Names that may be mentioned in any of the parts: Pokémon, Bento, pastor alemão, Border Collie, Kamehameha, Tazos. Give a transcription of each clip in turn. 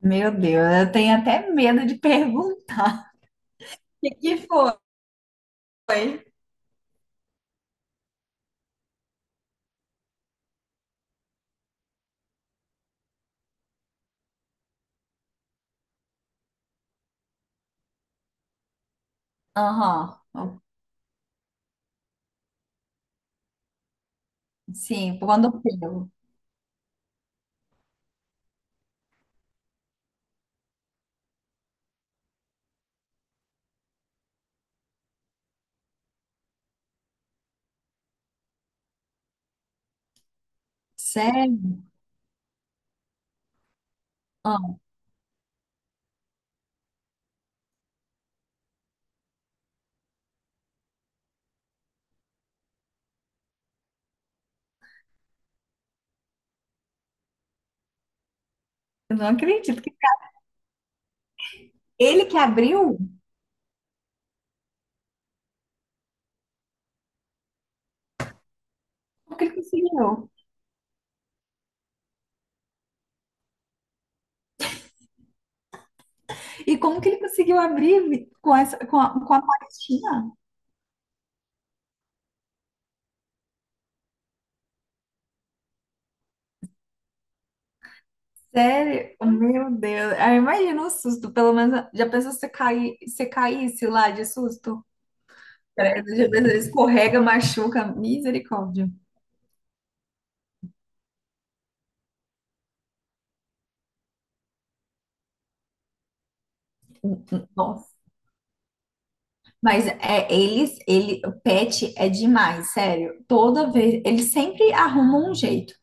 Meu Deus, eu tenho até medo de perguntar. Foi. Aham. Sim, quando pelo. Sério? Ah, eu não acredito que ele que abriu? Como que ele conseguiu? E como que ele conseguiu abrir com essa, com a pastinha? Sério? Meu Deus. Ah, imagina o susto, pelo menos. Já pensou se você cair, se caísse lá de susto? Credo, já pensou, escorrega, machuca. Misericórdia. Nossa. Mas é, o pet é demais, sério. Toda vez, eles sempre arrumam um jeito.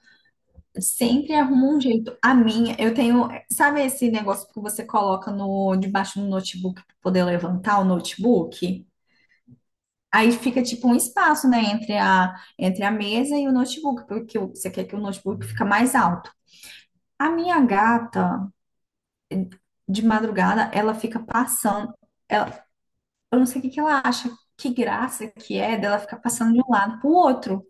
Sempre arrumam um jeito. A minha, eu tenho, sabe esse negócio que você coloca no debaixo do notebook para poder levantar o notebook? Aí fica tipo um espaço, né, entre a mesa e o notebook, porque você quer que o notebook fica mais alto. A minha gata, de madrugada, ela fica passando. Eu não sei o que que ela acha, que graça que é dela ficar passando de um lado pro outro.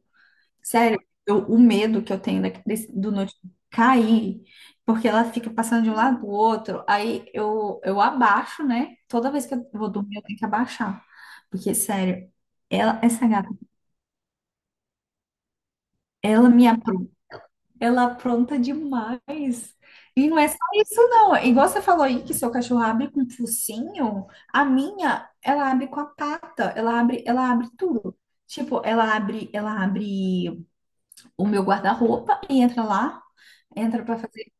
Sério, o medo que eu tenho do notebook cair, porque ela fica passando de um lado pro outro, aí eu abaixo, né? Toda vez que eu vou dormir, eu tenho que abaixar. Porque, sério, ela, essa gata, ela me ela apronta demais. E não é só isso, não. Igual você falou aí que seu cachorro abre com o focinho, a minha, ela abre com a pata, ela abre tudo. Tipo, ela abre o meu guarda-roupa e entra lá, entra pra fazer.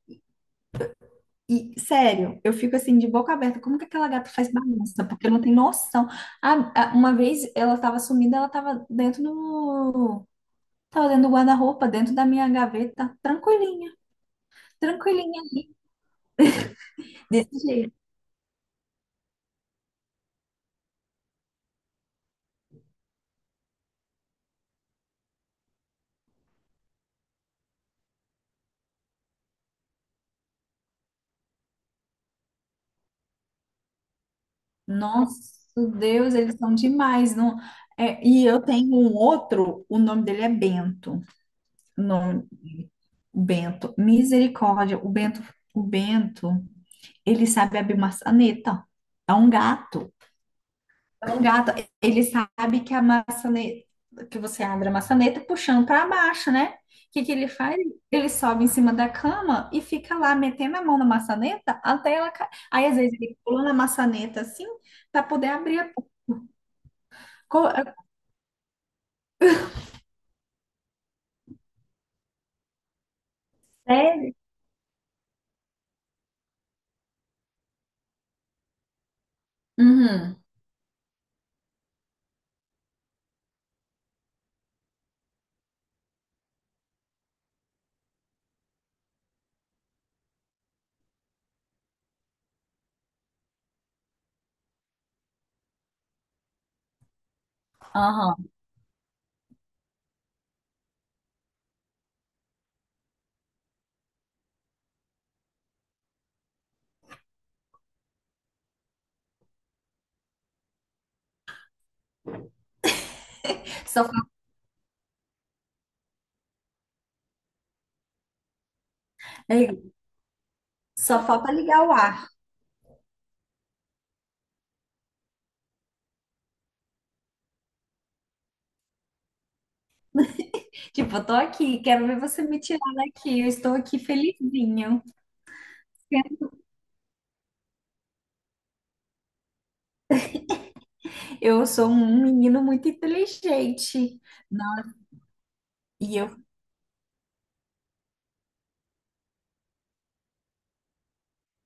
E, sério, eu fico assim de boca aberta, como que aquela gata faz bagunça? Porque não tem noção. Uma vez ela tava sumida, ela tava tava dentro do guarda-roupa, dentro da minha gaveta, tranquilinha. Desse jeito. Nossa, Deus, eles são demais, não? É, e eu tenho um outro, o nome dele é Bento, o nome Bento, misericórdia, o Bento, ele sabe abrir maçaneta, é um gato, é um gato, ele sabe que a maçaneta, que você abre a maçaneta puxando para baixo, né? O que que ele faz? Ele sobe em cima da cama e fica lá metendo a mão na maçaneta até ela cair. Aí às vezes ele pula na maçaneta assim para poder abrir Co- Sério? Uhum, aham. Só, fa- é, só falta ligar o ar. Tipo, eu tô aqui, quero ver você me tirar daqui. Eu estou aqui felizinho. Eu sou um menino muito inteligente. Não, e eu,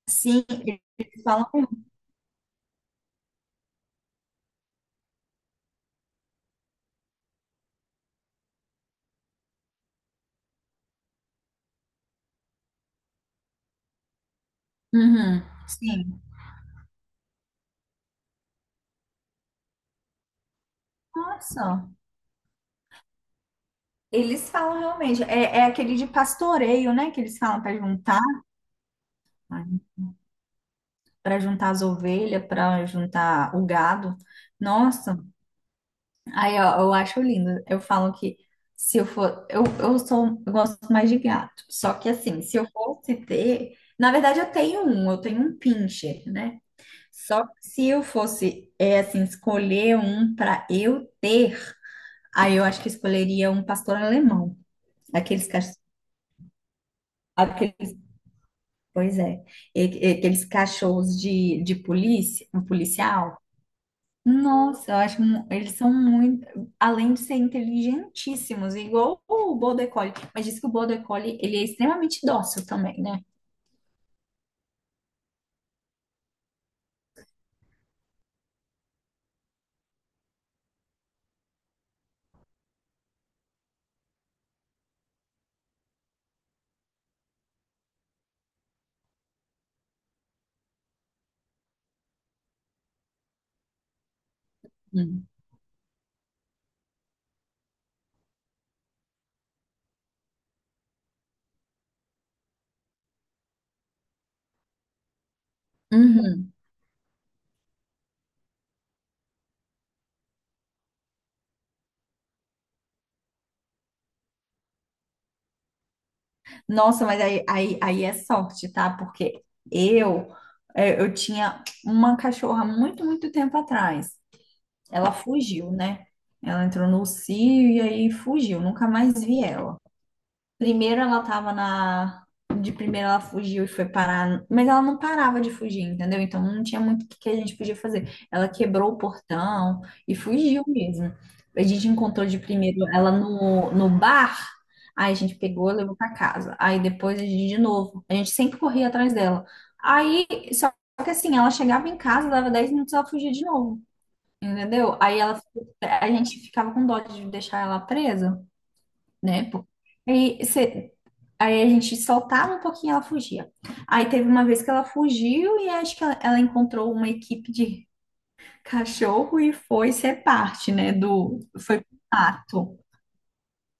sim, eles falam. Uhum, sim. Nossa, eles falam realmente. É, é aquele de pastoreio, né? Que eles falam para juntar as ovelhas, para juntar o gado. Nossa. Aí, ó, eu acho lindo. Eu falo que se eu for. Eu sou. Eu gosto mais de gato. Só que, assim, se eu fosse ter. Na verdade, eu tenho um. Eu tenho um pincher, né? Só que se eu fosse, é, assim, escolher um para eu ter, aí eu acho que escolheria um pastor alemão. Aqueles cachorros. Aqueles, pois é. E- Aqueles cachorros de, polícia, um policial. Nossa, eles são muito, além de serem inteligentíssimos, igual o Border Collie, mas diz que o Border Collie, ele é extremamente dócil também, né? Hum. Uhum. Nossa, mas aí é sorte, tá? Porque eu, eu tinha uma cachorra muito tempo atrás. Ela fugiu, né? Ela entrou no cio e aí fugiu, nunca mais vi ela. Primeiro ela tava na. De primeiro ela fugiu e foi parar. Mas ela não parava de fugir, entendeu? Então não tinha muito o que que a gente podia fazer. Ela quebrou o portão e fugiu mesmo. A gente encontrou de primeiro ela no bar, aí a gente pegou e levou pra casa. Aí depois a gente de novo. A gente sempre corria atrás dela. Aí, só que assim, ela chegava em casa, dava 10 minutos, ela fugia de novo. Entendeu? A gente ficava com dó de deixar ela presa, né? Pô. Aí, cê- aí a gente soltava um pouquinho e ela fugia. Aí teve uma vez que ela fugiu e acho que ela encontrou uma equipe de cachorro e foi ser parte, né, do... Foi pro mato.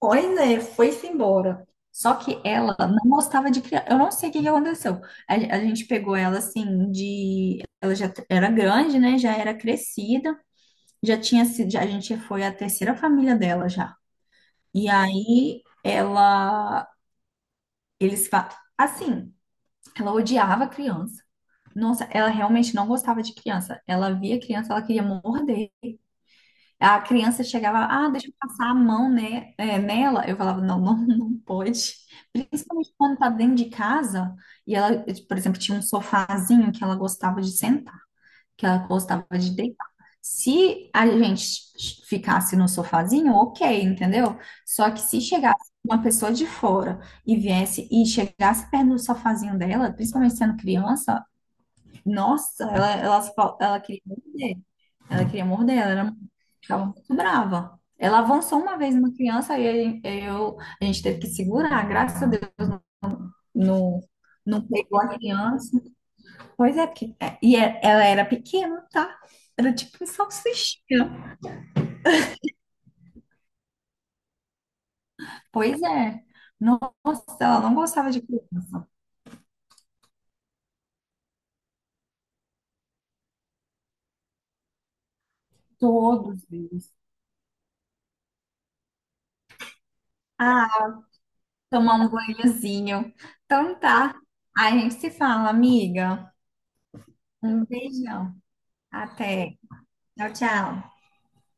Pois é, foi-se embora. Só que ela não gostava de criar. Eu não sei o que que aconteceu. A gente pegou ela assim de. Ela já era grande, né? Já era crescida. Já tinha sido. Já- A gente foi a terceira família dela já. E aí ela. Eles falam. Assim, ela odiava criança. Nossa, ela realmente não gostava de criança. Ela via criança, ela queria morder. A criança chegava, ah, deixa eu passar a mão, né, é, nela. Eu falava, não, não, não pode. Principalmente quando tá dentro de casa. E ela, por exemplo, tinha um sofazinho que ela gostava de sentar, que ela gostava de deitar. Se a gente ficasse no sofazinho, ok, entendeu? Só que se chegasse uma pessoa de fora e viesse e chegasse perto do sofazinho dela, principalmente sendo criança, nossa, ela queria morder. Ela queria morder, ficava muito brava. Ela avançou uma vez uma criança e a gente teve que segurar, graças a Deus, não, não pegou a criança. Pois é, ela era pequena, tá? Era tipo um salsichinha. Pois é. Nossa, ela não gostava de criança. Todos eles. Ah, tomar um banhozinho. Então tá. Aí a gente se fala, amiga. Um beijão. Até. Tchau, tchau.